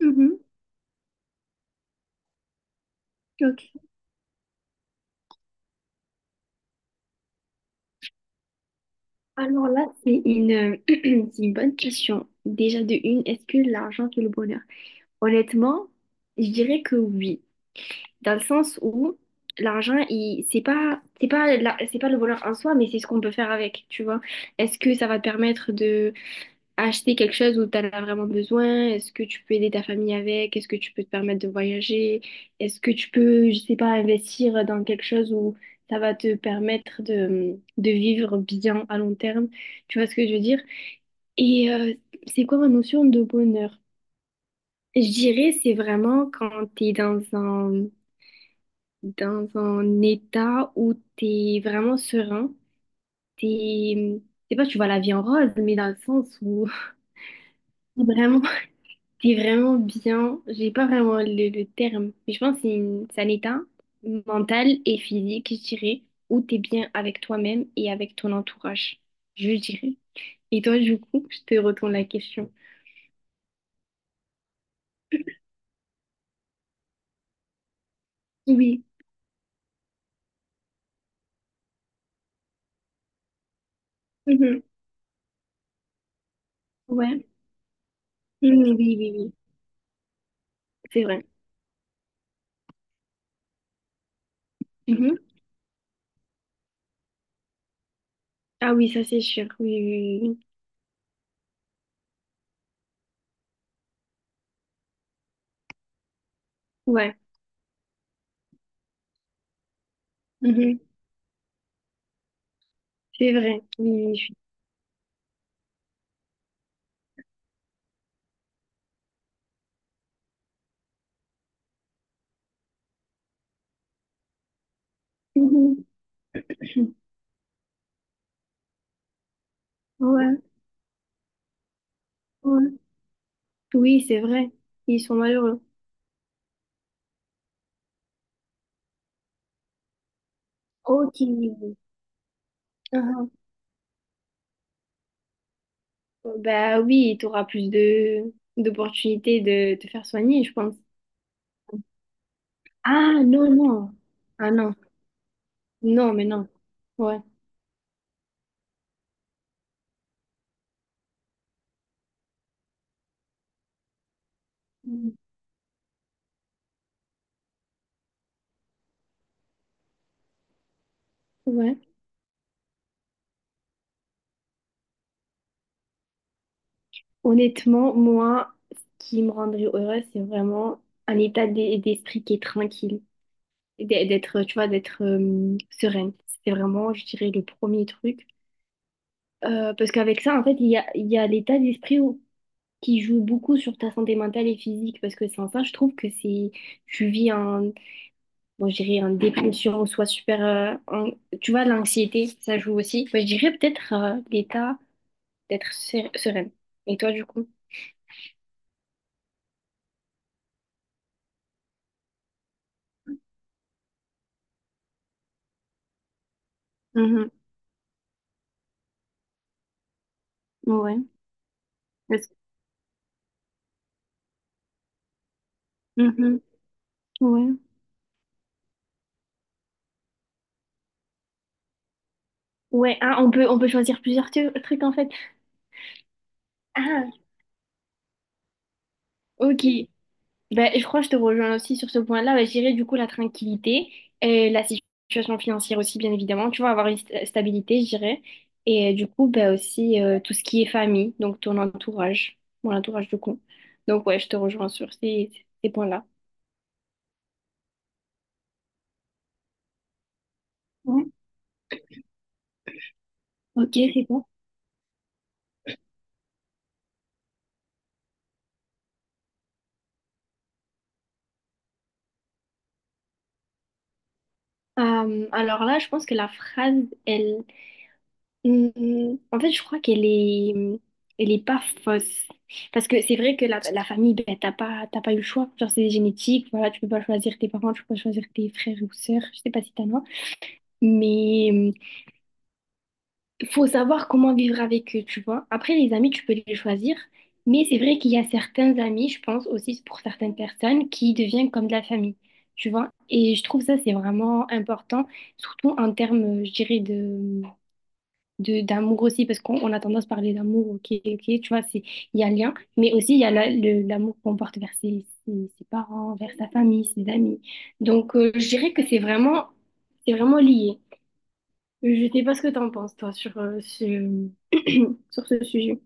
Mhm, ok. Alors là, c'est une, c'est une bonne question. Déjà de une, est-ce que l'argent fait le bonheur? Honnêtement, je dirais que oui, dans le sens où l'argent, il, c'est pas le bonheur en soi, mais c'est ce qu'on peut faire avec, tu vois. Est-ce que ça va te permettre de acheter quelque chose où tu en as vraiment besoin? Est-ce que tu peux aider ta famille avec? Est-ce que tu peux te permettre de voyager? Est-ce que tu peux, je sais pas, investir dans quelque chose où ça va te permettre de vivre bien à long terme? Tu vois ce que je veux dire? Et c'est quoi ma notion de bonheur? Je dirais, c'est vraiment quand tu es dans un état où tu es vraiment serein. T'es, c'est pas, Tu vois la vie en rose, mais dans le sens où vraiment c'est vraiment bien. J'ai pas vraiment le terme, mais je pense que c'est un état mental et physique, je dirais, où t'es bien avec toi-même et avec ton entourage, je dirais. Et toi, du coup, je te retourne la question. Oui. Mhm. Ouais. Mhm. Oui, oui, oui. C'est vrai. Mhm. Ah oui, ça c'est sûr. Oui, oui, oui. Oui. Ouais. Mhm. C'est vrai. Mhm. Ouais, ouais. Oui, c'est vrai. Ils sont malheureux. Ok. Ah. Bah oui, tu auras plus de d'opportunités de te faire soigner, je pense. Ah non, non. Ah non. Non, mais non. Ouais. Mm. Ouais. Honnêtement, moi, ce qui me rendrait heureuse, c'est vraiment un état d'esprit qui est tranquille. D'être, tu vois, d'être sereine. C'est vraiment, je dirais, le premier truc. Parce qu'avec ça, en fait, il y a l'état d'esprit qui joue beaucoup sur ta santé mentale et physique. Parce que sans ça, je trouve que c'est, tu vis moi, je dirais en dépression, soit super. Tu vois, l'anxiété, ça joue aussi. Moi, je dirais peut-être l'état sereine. Et toi, du coup? Mhm. Ouais. Est-ce- Mhm. Ouais. Ouais, hein, on peut choisir plusieurs trucs en fait. Ah, ok. Ben, je crois que je te rejoins aussi sur ce point-là. Ben, je dirais du coup la tranquillité, et la situation financière aussi, bien évidemment. Tu vois, avoir une stabilité, je dirais. Et du coup, ben, aussi tout ce qui est famille, donc ton entourage, mon entourage du coup. Donc ouais, je te rejoins sur ces, ces points-là. Ouais, ok, c'est bon. Alors là, je pense que la phrase, elle, hmm, en fait, je crois qu'elle est, elle est pas fausse. Parce que c'est vrai que la famille, ben, t'as pas eu le choix. Genre, c'est génétique, voilà, tu peux pas choisir tes parents, tu peux pas choisir tes frères ou sœurs. Je sais pas si t'en as. Mais il faut savoir comment vivre avec eux, tu vois. Après, les amis, tu peux les choisir. Mais c'est vrai qu'il y a certains amis, je pense aussi pour certaines personnes, qui deviennent comme de la famille, tu vois. Et je trouve ça, c'est vraiment important, surtout en termes, je dirais, de de d'amour aussi parce qu'on on a tendance à parler d'amour, ok, ok, tu vois, c'est il y a le lien mais aussi il y a l'amour qu'on porte vers ses parents, vers sa famille, ses amis, donc je dirais que c'est vraiment lié. Je sais pas ce que t'en penses toi sur ce sur ce sujet.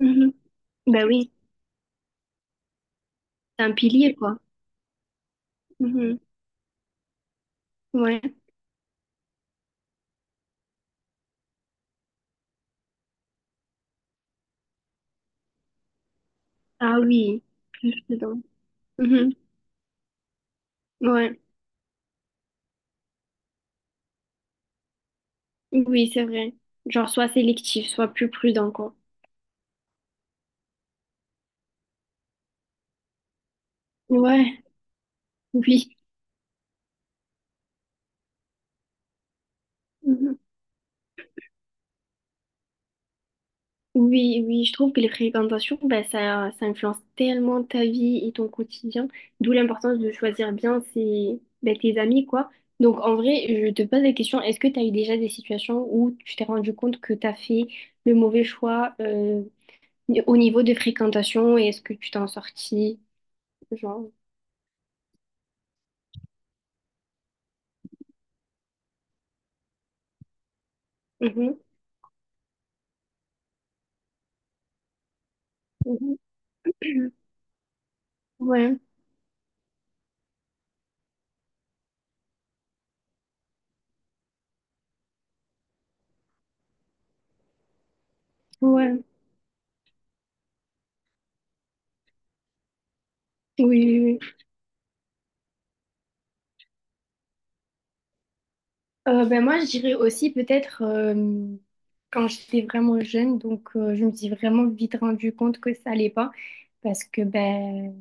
Mhm. Bah oui, c'est un pilier quoi. Mhm. Ouais, ah oui, je suis dedans. Mhm. Ouais, oui, c'est vrai, genre soit sélectif soit plus prudent quoi. Ouais, oui. Mhm. Oui, oui, je trouve que les fréquentations, bah, ça influence tellement ta vie et ton quotidien, d'où l'importance de choisir bien ses, bah, tes amis, quoi. Donc, en vrai, je te pose la question, est-ce que tu as eu déjà des situations où tu t'es rendu compte que tu as fait le mauvais choix au niveau de fréquentation et est-ce que tu t'en sortis, genre... Mhm, mhm. Ouais, ouais, oui, oui, oui. Ben moi, je dirais aussi peut-être quand j'étais vraiment jeune, donc je me suis vraiment vite rendu compte que ça allait pas, parce que ben,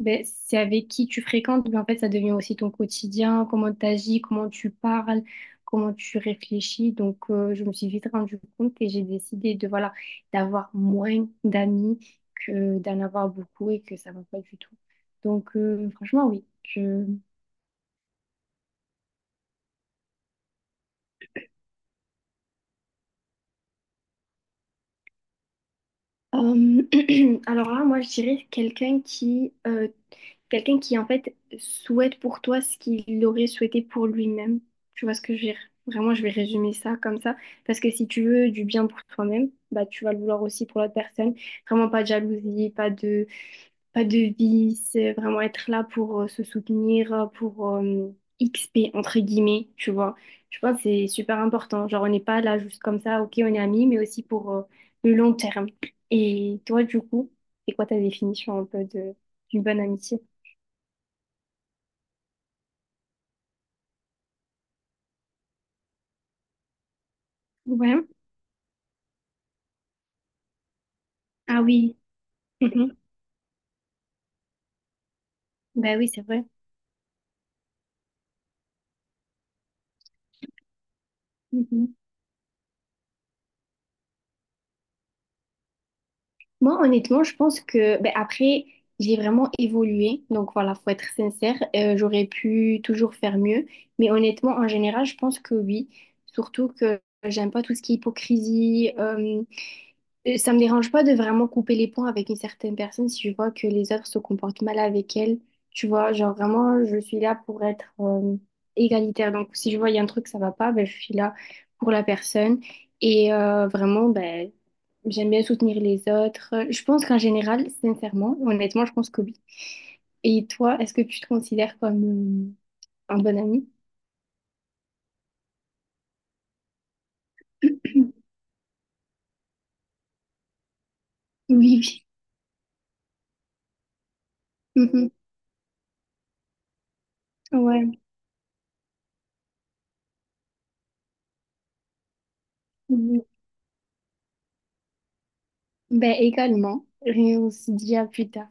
ben c'est avec qui tu fréquentes, ben en fait ça devient aussi ton quotidien, comment tu agis, comment tu parles, comment tu réfléchis. Donc je me suis vite rendu compte et j'ai décidé de voilà d'avoir moins d'amis que d'en avoir beaucoup et que ça va pas du tout. Donc franchement oui. Alors là, moi, je dirais quelqu'un qui en fait souhaite pour toi ce qu'il aurait souhaité pour lui-même. Tu vois ce que je veux dire? Vraiment, je vais résumer ça comme ça. Parce que si tu veux du bien pour toi-même, bah, tu vas le vouloir aussi pour l'autre personne. Vraiment pas de jalousie, pas de vie, c'est vraiment être là pour se soutenir, pour XP, entre guillemets, tu vois. Je pense que c'est super important. Genre, on n'est pas là juste comme ça, ok, on est amis, mais aussi pour le long terme. Et toi, du coup, c'est quoi ta définition un peu de, d'une bonne amitié? Ouais. Ah oui. Mhm. Bah oui, c'est vrai. Moi, honnêtement, je pense que, ben, après, j'ai vraiment évolué. Donc voilà, faut être sincère. J'aurais pu toujours faire mieux. Mais honnêtement, en général, je pense que oui. Surtout que j'aime pas tout ce qui est hypocrisie. Ça me dérange pas de vraiment couper les ponts avec une certaine personne si je vois que les autres se comportent mal avec elle. Tu vois, genre vraiment, je suis là pour être égalitaire. Donc si je vois il y a un truc ça va pas, ben, je suis là pour la personne. Et vraiment, ben, j'aime bien soutenir les autres. Je pense qu'en général, sincèrement, honnêtement, je pense que oui. Et toi, est-ce que tu te considères comme un bon ami? Oui, oui. Mhm. Ouais. Mhm. Ben également. Et on se dit à plus tard.